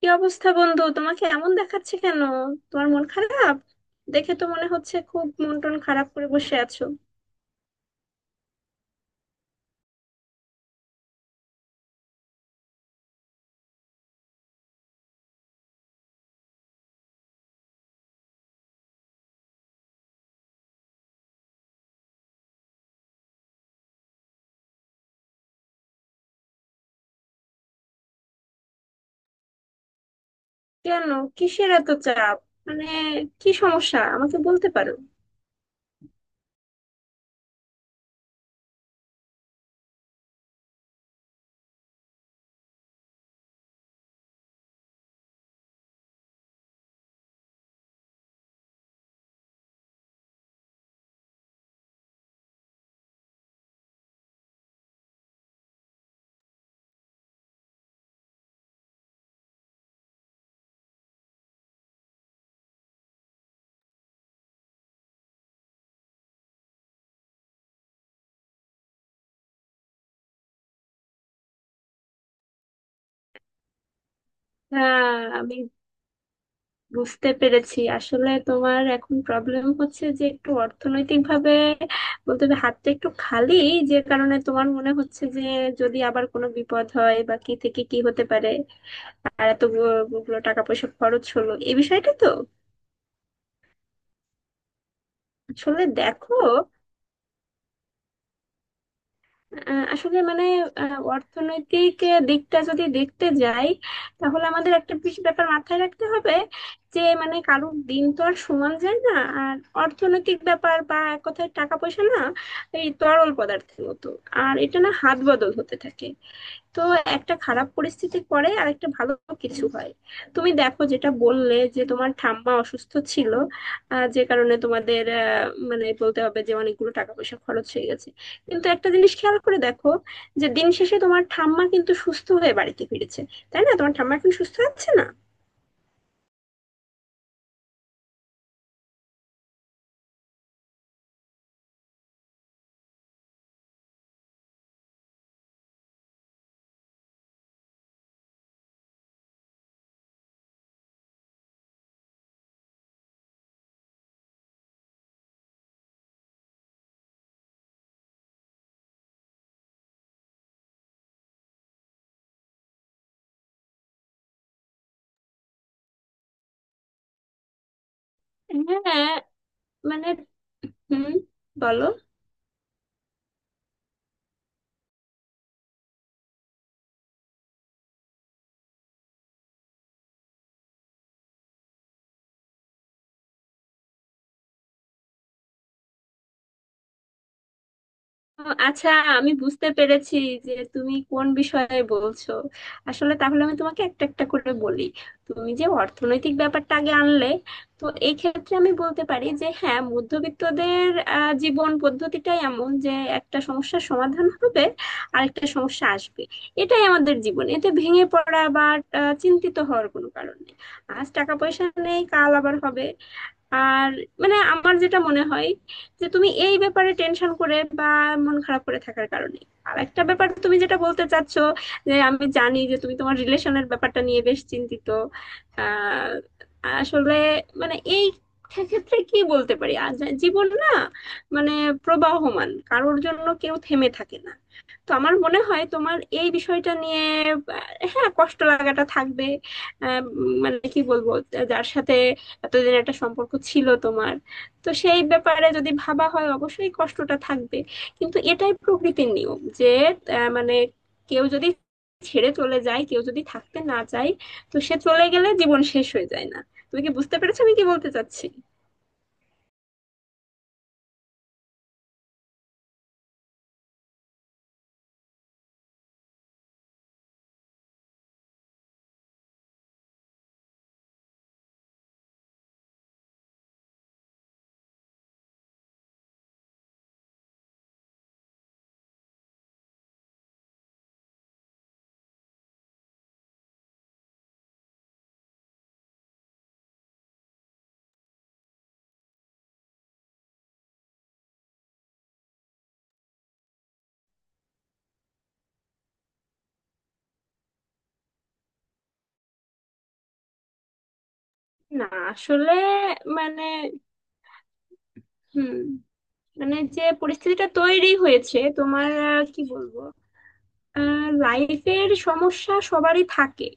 কি অবস্থা বন্ধু? তোমাকে এমন দেখাচ্ছে কেন? তোমার মন খারাপ? দেখে তো মনে হচ্ছে খুব মন টন খারাপ করে বসে আছো। কেন? কিসের এত চাপ? মানে কি সমস্যা আমাকে বলতে পারো? হ্যাঁ, আমি বুঝতে পেরেছি। আসলে তোমার এখন প্রবলেম হচ্ছে যে একটু অর্থনৈতিক ভাবে বলতে হবে, হাতটা একটু খালি। যে কারণে তোমার মনে হচ্ছে যে যদি আবার কোনো বিপদ হয় বা কি থেকে কি হতে পারে, আর এতগুলো টাকা পয়সা খরচ হলো, এই বিষয়টা তো। আসলে দেখো, আসলে মানে অর্থনৈতিক দিকটা যদি দেখতে যাই, তাহলে আমাদের একটা বিশেষ ব্যাপার মাথায় রাখতে হবে যে মানে কারোর দিন তো আর সমান যায় না। আর অর্থনৈতিক ব্যাপার বা এক কথায় টাকা পয়সা না এই তরল পদার্থের মতো, আর এটা না হাত বদল হতে থাকে। তো একটা খারাপ পরিস্থিতির পরে আর একটা ভালো কিছু হয়। তুমি দেখো যেটা বললে যে তোমার ঠাম্মা অসুস্থ ছিল, যে কারণে তোমাদের মানে বলতে হবে যে অনেকগুলো টাকা পয়সা খরচ হয়ে গেছে। কিন্তু একটা জিনিস খেয়াল করে দেখো যে দিন শেষে তোমার ঠাম্মা কিন্তু সুস্থ হয়ে বাড়িতে ফিরেছে, তাই না? তোমার ঠাম্মা এখন সুস্থ আছে না? হ্যাঁ। মানে। হুম। বলো। ও, আচ্ছা। আমি বুঝতে পেরেছি যে তুমি কোন বিষয়ে বলছো। আসলে তাহলে আমি তোমাকে একটা একটা করে বলি। তুমি যে অর্থনৈতিক ব্যাপারটা আগে আনলে, তো এই ক্ষেত্রে আমি বলতে পারি যে হ্যাঁ মধ্যবিত্তদের জীবন পদ্ধতিটাই এমন যে একটা সমস্যার সমাধান হবে, আরেকটা সমস্যা আসবে। এটাই আমাদের জীবন, এতে ভেঙে পড়া বা চিন্তিত হওয়ার কোনো কারণ নেই। আজ টাকা পয়সা নেই, কাল আবার হবে। আর মানে আমার যেটা মনে হয় যে তুমি এই ব্যাপারে টেনশন করে বা মন খারাপ করে থাকার কারণে। আর একটা ব্যাপার, তুমি যেটা বলতে চাচ্ছ যে আমি জানি যে তুমি তোমার রিলেশনের ব্যাপারটা নিয়ে বেশ চিন্তিত। আহ আসলে মানে এই ক্ষেত্রে কি বলতে পারি, আর জীবন না মানে প্রবাহমান, কারোর জন্য কেউ থেমে থাকে না। তো আমার মনে হয় তোমার এই বিষয়টা নিয়ে, আহ, হ্যাঁ কষ্ট লাগাটা থাকবে। মানে কি বলবো, যার সাথে এতদিন একটা সম্পর্ক ছিল তোমার, তো সেই ব্যাপারে যদি ভাবা হয় অবশ্যই কষ্টটা থাকবে। কিন্তু এটাই প্রকৃতির নিয়ম যে মানে কেউ যদি ছেড়ে চলে যায় কেউ যদি থাকতে না চায়, তো সে চলে গেলে জীবন শেষ হয়ে যায় না। তুমি কি বুঝতে পেরেছো আমি কি বলতে চাচ্ছি? না। আসলে। মানে। হুম। মানে। যে পরিস্থিতিটা তৈরি হয়েছে তোমার, কি বলবো, লাইফের সমস্যা সবারই থাকে।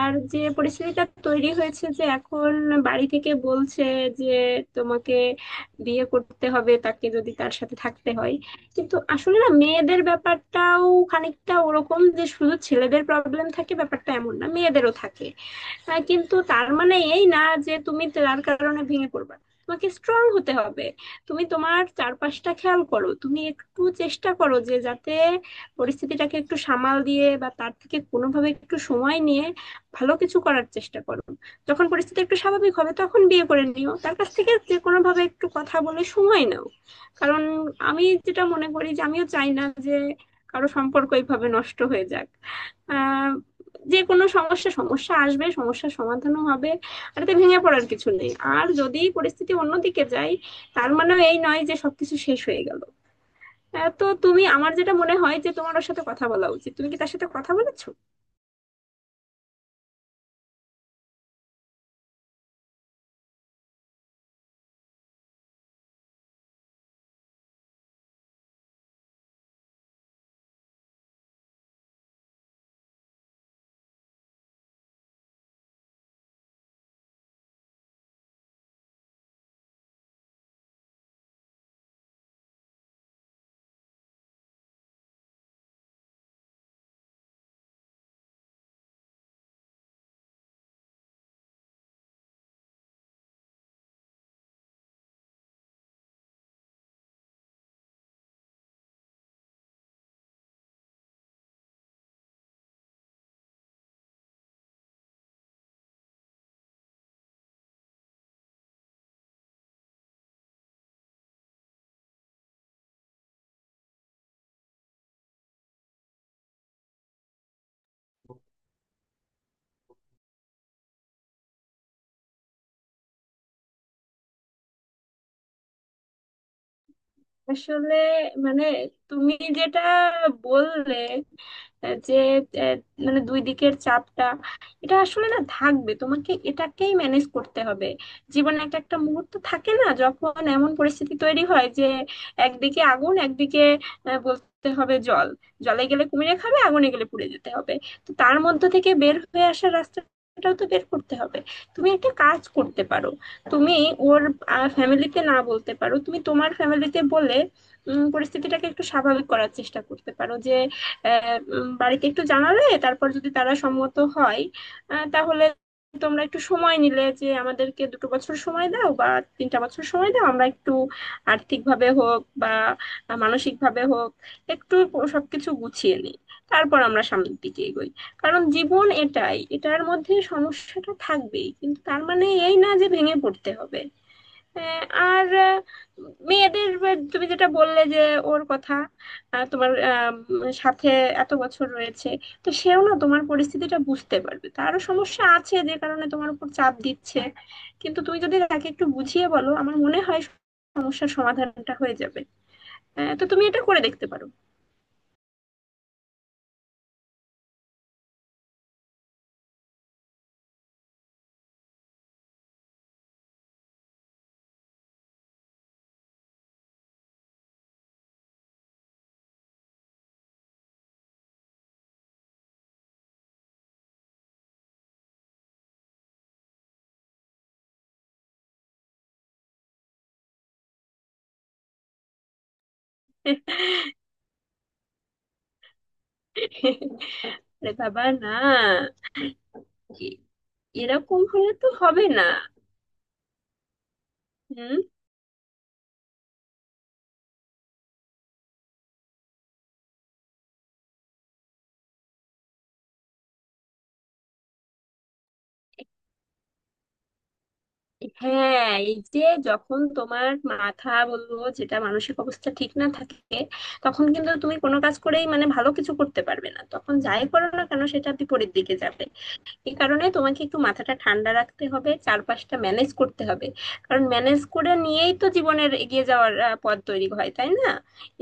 আর যে পরিস্থিতিটা তৈরি হয়েছে যে এখন বাড়ি থেকে বলছে যে তোমাকে বিয়ে করতে হবে তাকে, যদি তার সাথে থাকতে হয়। কিন্তু আসলে না, মেয়েদের ব্যাপারটাও খানিকটা ওরকম যে শুধু ছেলেদের প্রবলেম থাকে ব্যাপারটা এমন না, মেয়েদেরও থাকে। কিন্তু তার মানে এই না যে তুমি তার কারণে ভেঙে পড়বে। তোমাকে স্ট্রং হতে হবে। তুমি তোমার চারপাশটা খেয়াল করো, তুমি একটু চেষ্টা করো যে যাতে পরিস্থিতিটাকে একটু সামাল দিয়ে বা তার থেকে কোনোভাবে একটু সময় নিয়ে ভালো কিছু করার চেষ্টা করো। যখন পরিস্থিতি একটু স্বাভাবিক হবে তখন বিয়ে করে নিও, তার কাছ থেকে যে কোনোভাবে একটু কথা বলে সময় নাও। কারণ আমি যেটা মনে করি যে আমিও চাই না যে কারো সম্পর্ক এইভাবে নষ্ট হয়ে যাক। আহ যে কোনো সমস্যা সমস্যা আসবে, সমস্যার সমাধানও হবে। আর এতে ভেঙে পড়ার কিছু নেই। আর যদি পরিস্থিতি অন্যদিকে যায়, তার মানেও এই নয় যে সবকিছু শেষ হয়ে গেল। তো তুমি, আমার যেটা মনে হয় যে তোমার ওর সাথে কথা বলা উচিত। তুমি কি তার সাথে কথা বলেছো? আসলে মানে তুমি যেটা বললে যে আহ, মানে দুই দিকের চাপটা, এটা আসলে না থাকবে, তোমাকে এটাকেই ম্যানেজ করতে হবে। জীবনে একটা একটা মুহূর্ত থাকে না যখন এমন পরিস্থিতি তৈরি হয় যে একদিকে আগুন, একদিকে বলতে হবে জল। জলে গেলে কুমিরে খাবে, আগুনে গেলে পুড়ে যেতে হবে। তো তার মধ্য থেকে বের হয়ে আসার রাস্তাটাও তো বের করতে হবে। তুমি একটা কাজ করতে পারো, তুমি ওর ফ্যামিলিতে না বলতে পারো, তুমি তোমার ফ্যামিলিতে বলে পরিস্থিতিটাকে একটু স্বাভাবিক করার চেষ্টা করতে পারো যে বাড়িতে একটু জানালে, তারপর যদি তারা সম্মত হয় তাহলে তোমরা একটু সময় নিলে, যে আমাদেরকে 2 বছর সময় দাও বা 3 বছর সময় দাও, আমরা একটু আর্থিকভাবে হোক বা মানসিকভাবে হোক একটু সবকিছু গুছিয়ে নিই, তারপর আমরা সামনের দিকে এগোই। কারণ জীবন এটাই, এটার মধ্যে সমস্যাটা থাকবেই, কিন্তু তার মানে এই না যে ভেঙে পড়তে হবে। আর মেয়েদের তুমি যেটা বললে যে ওর কথা, তোমার সাথে এত বছর রয়েছে। তো সেও না তোমার পরিস্থিতিটা বুঝতে পারবে, তারও সমস্যা আছে যে কারণে তোমার উপর চাপ দিচ্ছে। কিন্তু তুমি যদি তাকে একটু বুঝিয়ে বলো, আমার মনে হয় সমস্যার সমাধানটা হয়ে যাবে। তো তুমি এটা করে দেখতে পারো। আরে বাবা না। কি? এরকম হলে তো হবে না। হুম। হ্যাঁ, এই যে যখন তোমার মাথা, বলবো যেটা মানসিক অবস্থা ঠিক না থাকে, তখন কিন্তু তুমি কোনো কাজ করেই মানে ভালো কিছু করতে পারবে না, তখন যাই করো না কেন সেটা বিপরীত দিকে যাবে। এই কারণে তোমাকে একটু মাথাটা ঠান্ডা রাখতে হবে, চারপাশটা ম্যানেজ করতে হবে। কারণ ম্যানেজ করে নিয়েই তো জীবনের এগিয়ে যাওয়ার পথ তৈরি হয়, তাই না?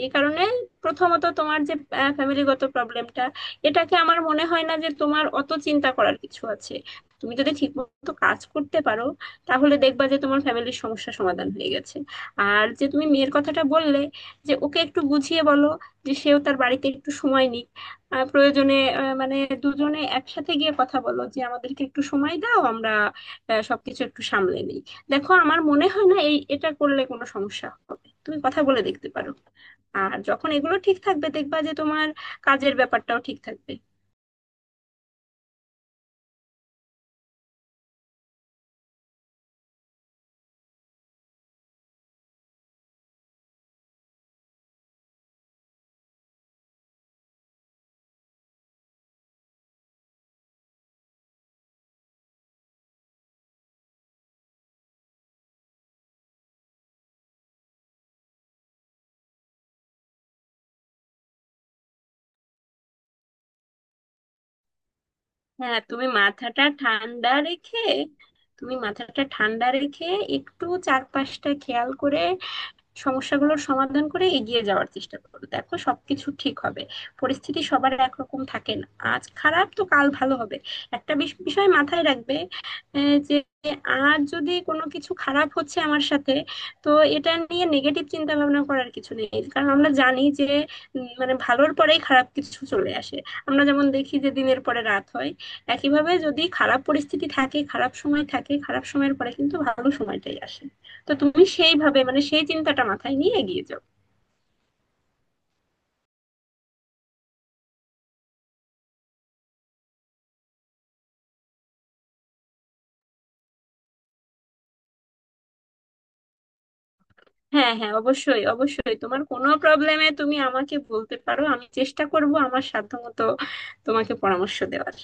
এই কারণে প্রথমত তোমার যে ফ্যামিলিগত প্রবলেমটা, এটাকে আমার মনে হয় না যে তোমার অত চিন্তা করার কিছু আছে। তুমি যদি ঠিকমতো কাজ করতে পারো, তাহলে দেখবা যে তোমার ফ্যামিলির সমস্যা সমাধান হয়ে গেছে। আর যে তুমি মেয়ের কথাটা বললে যে ওকে একটু বুঝিয়ে বলো যে সেও তার বাড়িতে একটু সময় নিক, প্রয়োজনে মানে দুজনে একসাথে গিয়ে কথা বলো যে আমাদেরকে একটু সময় দাও, আমরা সবকিছু একটু সামলে নিই। দেখো আমার মনে হয় না এটা করলে কোনো সমস্যা হবে, তুমি কথা বলে দেখতে পারো। আর যখন এগুলো ঠিক থাকবে, দেখবা যে তোমার কাজের ব্যাপারটাও ঠিক থাকবে। হ্যাঁ, তুমি মাথাটা ঠান্ডা রেখে একটু চারপাশটা খেয়াল করে, সমস্যাগুলোর সমাধান করে এগিয়ে যাওয়ার চেষ্টা করো, দেখো সবকিছু ঠিক হবে। পরিস্থিতি সবার একরকম থাকে না, আজ খারাপ তো কাল ভালো হবে। একটা বিষয় মাথায় রাখবে, যে আজ যদি কোনো কিছু খারাপ হচ্ছে আমার সাথে, তো এটা নিয়ে নেগেটিভ চিন্তা ভাবনা করার কিছু নেই, কারণ আমরা জানি যে মানে ভালোর পরেই খারাপ কিছু চলে আসে। আমরা যেমন দেখি যে দিনের পরে রাত হয়, একইভাবে যদি খারাপ পরিস্থিতি থাকে, খারাপ সময় থাকে, খারাপ সময়ের পরে কিন্তু ভালো সময়টাই আসে। তো তুমি সেইভাবে মানে সেই চিন্তাটা মাথায় নিয়ে এগিয়ে যাও। হ্যাঁ, হ্যাঁ, অবশ্যই, অবশ্যই। তোমার কোনো প্রবলেমে তুমি আমাকে বলতে পারো, আমি চেষ্টা করব আমার সাধ্যমতো তোমাকে পরামর্শ দেওয়ার।